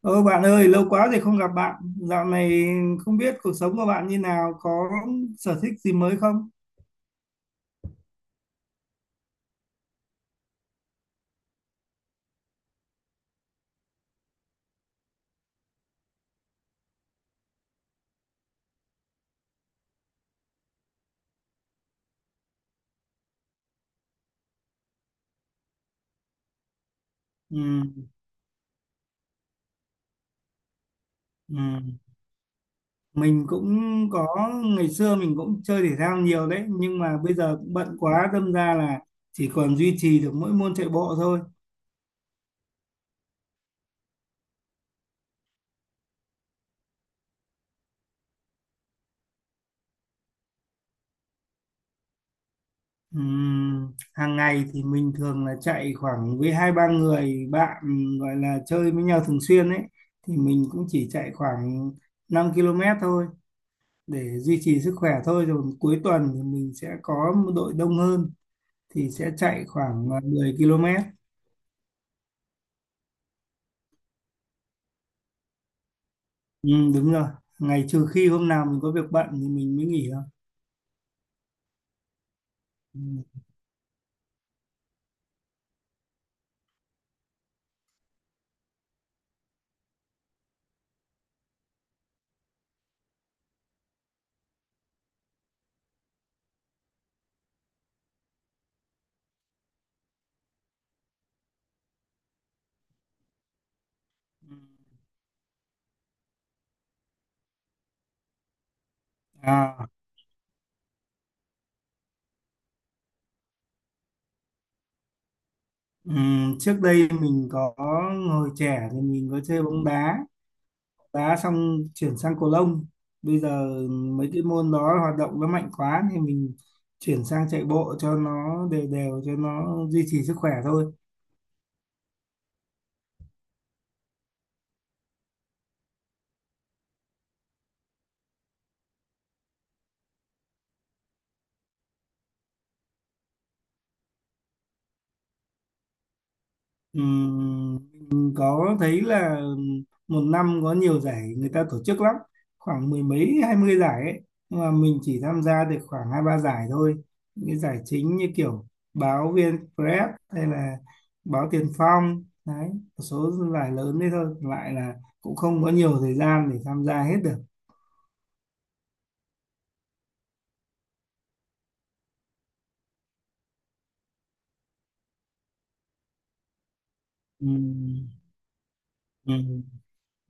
Ơ bạn ơi, lâu quá rồi không gặp bạn. Dạo này không biết cuộc sống của bạn như nào, có sở thích gì mới không? Ừ, ừ. Mình cũng có, ngày xưa mình cũng chơi thể thao nhiều đấy, nhưng mà bây giờ cũng bận quá, đâm ra là chỉ còn duy trì được mỗi môn chạy bộ thôi. Ừ, hàng ngày thì mình thường là chạy khoảng với hai ba người bạn gọi là chơi với nhau thường xuyên ấy, thì mình cũng chỉ chạy khoảng 5 km thôi, để duy trì sức khỏe thôi. Rồi cuối tuần thì mình sẽ có một đội đông hơn thì sẽ chạy khoảng 10 km. Ừ, đúng rồi, ngày trừ khi hôm nào mình có việc bận thì mình mới nghỉ thôi. Ừ. à, ừ, trước đây mình có, hồi trẻ thì mình có chơi bóng đá, đá xong chuyển sang cầu lông. Bây giờ mấy cái môn đó hoạt động nó mạnh quá thì mình chuyển sang chạy bộ cho nó đều đều cho nó duy trì sức khỏe thôi. Ừm, mình có thấy là một năm có nhiều giải người ta tổ chức lắm, khoảng mười mấy hai mươi giải ấy, nhưng mà mình chỉ tham gia được khoảng hai ba giải thôi, những cái giải chính như kiểu báo VnExpress hay là báo Tiền Phong đấy, một số giải lớn đấy thôi. Còn lại là cũng không có nhiều thời gian để tham gia hết được. Ừm, ừm,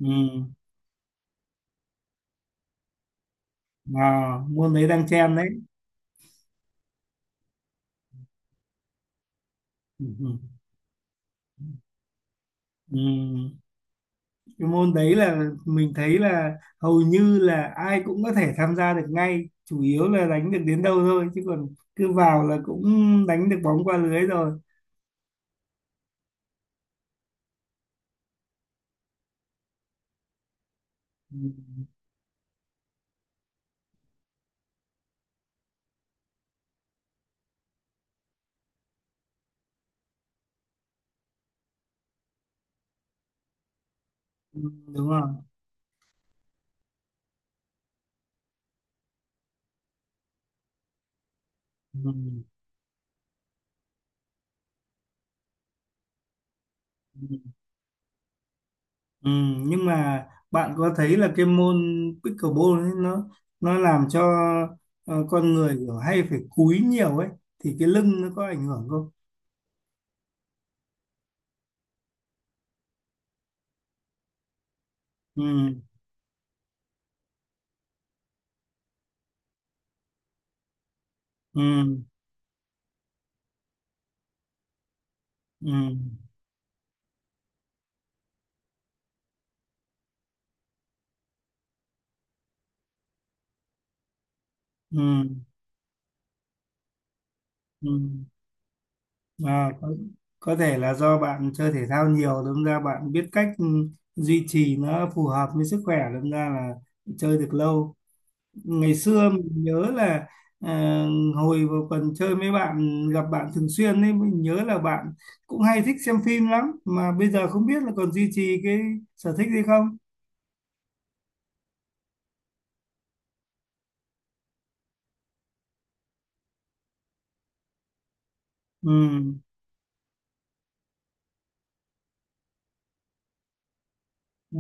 ừm. À, môn đấy đang chen đấy. Ừm, ừm, ừm. Cái môn đấy là mình thấy là hầu như là ai cũng có thể tham gia được ngay, chủ yếu là đánh được đến đâu thôi, chứ còn cứ vào là cũng đánh được bóng qua lưới rồi. Ừ, ừ, đúng rồi. Ừ, ừ. Ừ, nhưng mà bạn có thấy là cái môn pickleball ấy, nó làm cho con người kiểu hay phải cúi nhiều ấy, thì cái lưng nó có ảnh hưởng không? Ừ, ừ, ừ, ừ, ừ. À, có thể là do bạn chơi thể thao nhiều, đâm ra bạn biết cách ừ, duy trì nó phù hợp với sức khỏe, đâm ra là chơi được lâu. Ngày xưa mình nhớ là à, hồi vào còn chơi với bạn, gặp bạn thường xuyên ấy, mình nhớ là bạn cũng hay thích xem phim lắm, mà bây giờ không biết là còn duy trì cái sở thích gì không? Ừ, ừ.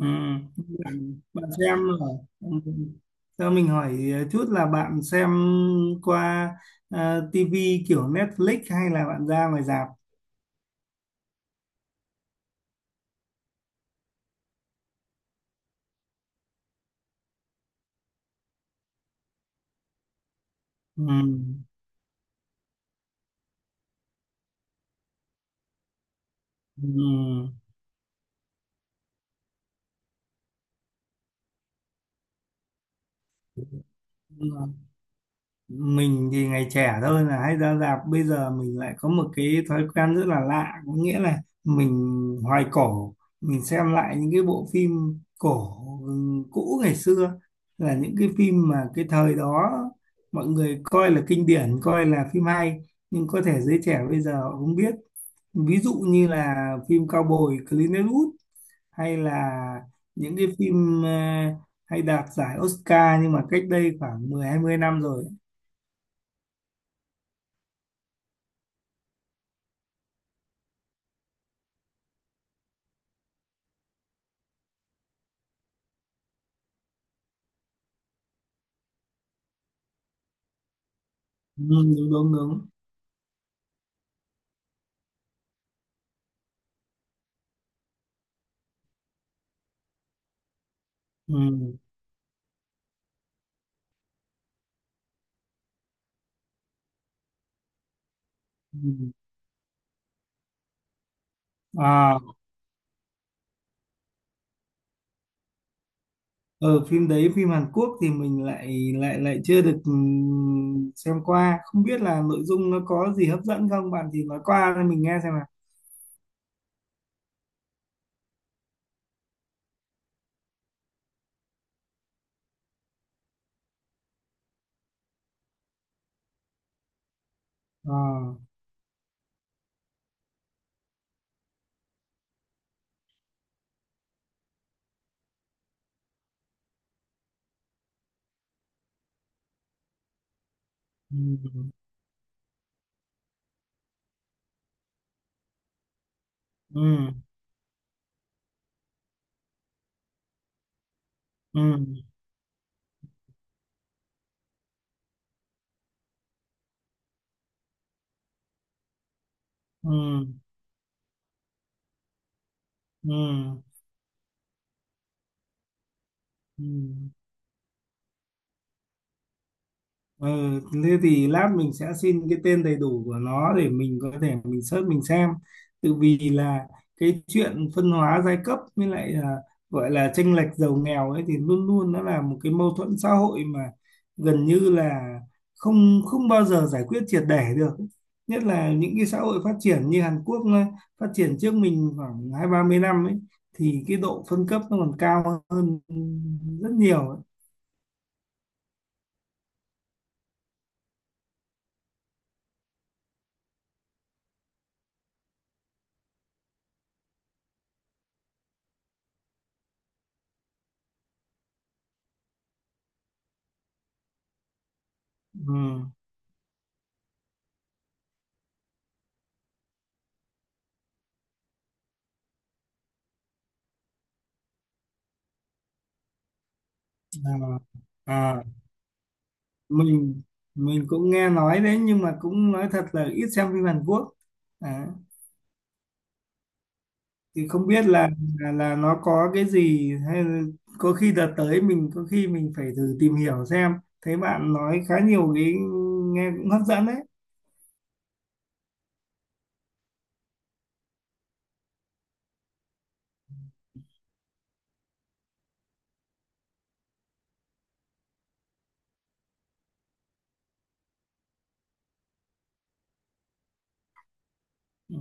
Ừ. Bạn, bạn xem là ừ. Cho mình hỏi chút là bạn xem qua uh, TV kiểu Netflix hay là bạn ra ngoài rạp? Ừ. Ừ. Ừ, mình thì ngày trẻ thôi là hay ra rạp. Bây giờ mình lại có một cái thói quen rất là lạ, có nghĩa là mình hoài cổ, mình xem lại những cái bộ phim cổ, cũ ngày xưa, là những cái phim mà cái thời đó mọi người coi là kinh điển, coi là phim hay, nhưng có thể giới trẻ bây giờ họ không biết. Ví dụ như là phim Cao Bồi Clint Eastwood, hay là những cái phim hay đạt giải Oscar nhưng mà cách đây khoảng mười hai mươi năm rồi. Ừ, đúng đúng đúng. Ừ, ừ. À, ở phim đấy, phim Hàn Quốc thì mình lại lại lại chưa được ừ, xem qua, không biết là nội dung nó có gì hấp dẫn không, bạn thì nói qua cho mình nghe xem nào. À, ừ, ừ, ừ, ừ, ừ, ừ. Ờ, thế thì lát mình sẽ xin cái tên đầy đủ của nó để mình có thể mình search mình xem. Tự vì là cái chuyện phân hóa giai cấp với lại là gọi là chênh lệch giàu nghèo ấy thì luôn luôn nó là một cái mâu thuẫn xã hội mà gần như là không không bao giờ giải quyết triệt để được. Nhất là những cái xã hội phát triển như Hàn Quốc, nó phát triển trước mình khoảng hai ba mươi năm ấy, thì cái độ phân cấp nó còn cao hơn rất nhiều ấy. Ừ. À. À, mình mình cũng nghe nói đấy, nhưng mà cũng nói thật là ít xem phim Hàn Quốc, à, thì không biết là nó có cái gì hay, là có khi đợt tới mình có khi mình phải thử tìm hiểu xem. Thấy bạn nói khá nhiều, cái nghe cũng hấp dẫn đấy. Ừ.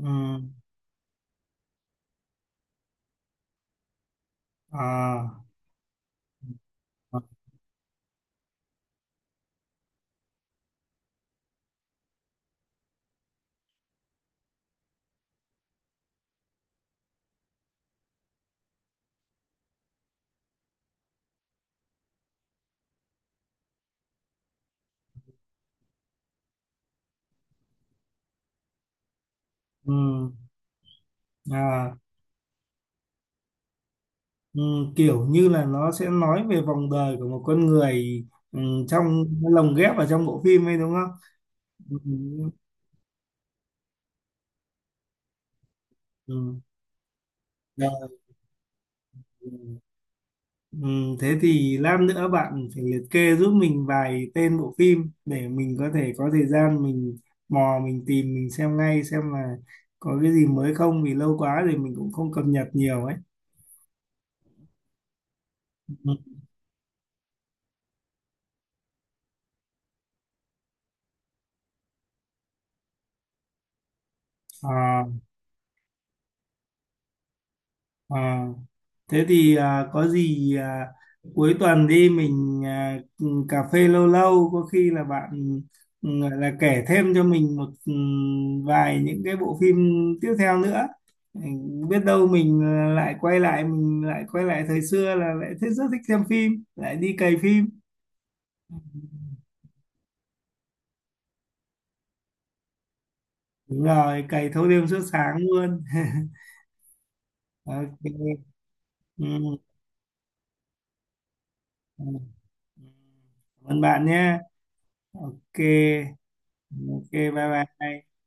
À, ừ. À, ừ, kiểu như là nó sẽ nói về vòng đời của một con người, ừ, trong lồng ghép vào trong bộ phim ấy đúng không? Ừ. Ừ. Ừ, rồi. Ừ, thế thì lát nữa bạn phải liệt kê giúp mình vài tên bộ phim để mình có thể có thời gian mình mò mình tìm mình xem ngay, xem là có cái gì mới không, vì lâu quá thì mình cũng không cập nhật nhiều ấy. Ừ. À, à. Thế thì à, có gì à, cuối tuần đi mình à, cà phê lâu lâu, có khi là bạn ừ, gọi là kể thêm cho mình một ừ, vài những cái bộ phim tiếp theo nữa. Ừ, biết đâu mình à, lại quay lại, mình lại quay lại thời xưa là lại thích, rất thích xem phim, lại đi cày phim. Đúng rồi, cày thâu đêm suốt sáng luôn. Ok. Ừ, ừ. Cảm ơn bạn nhé. Ok. Ok, bye bye.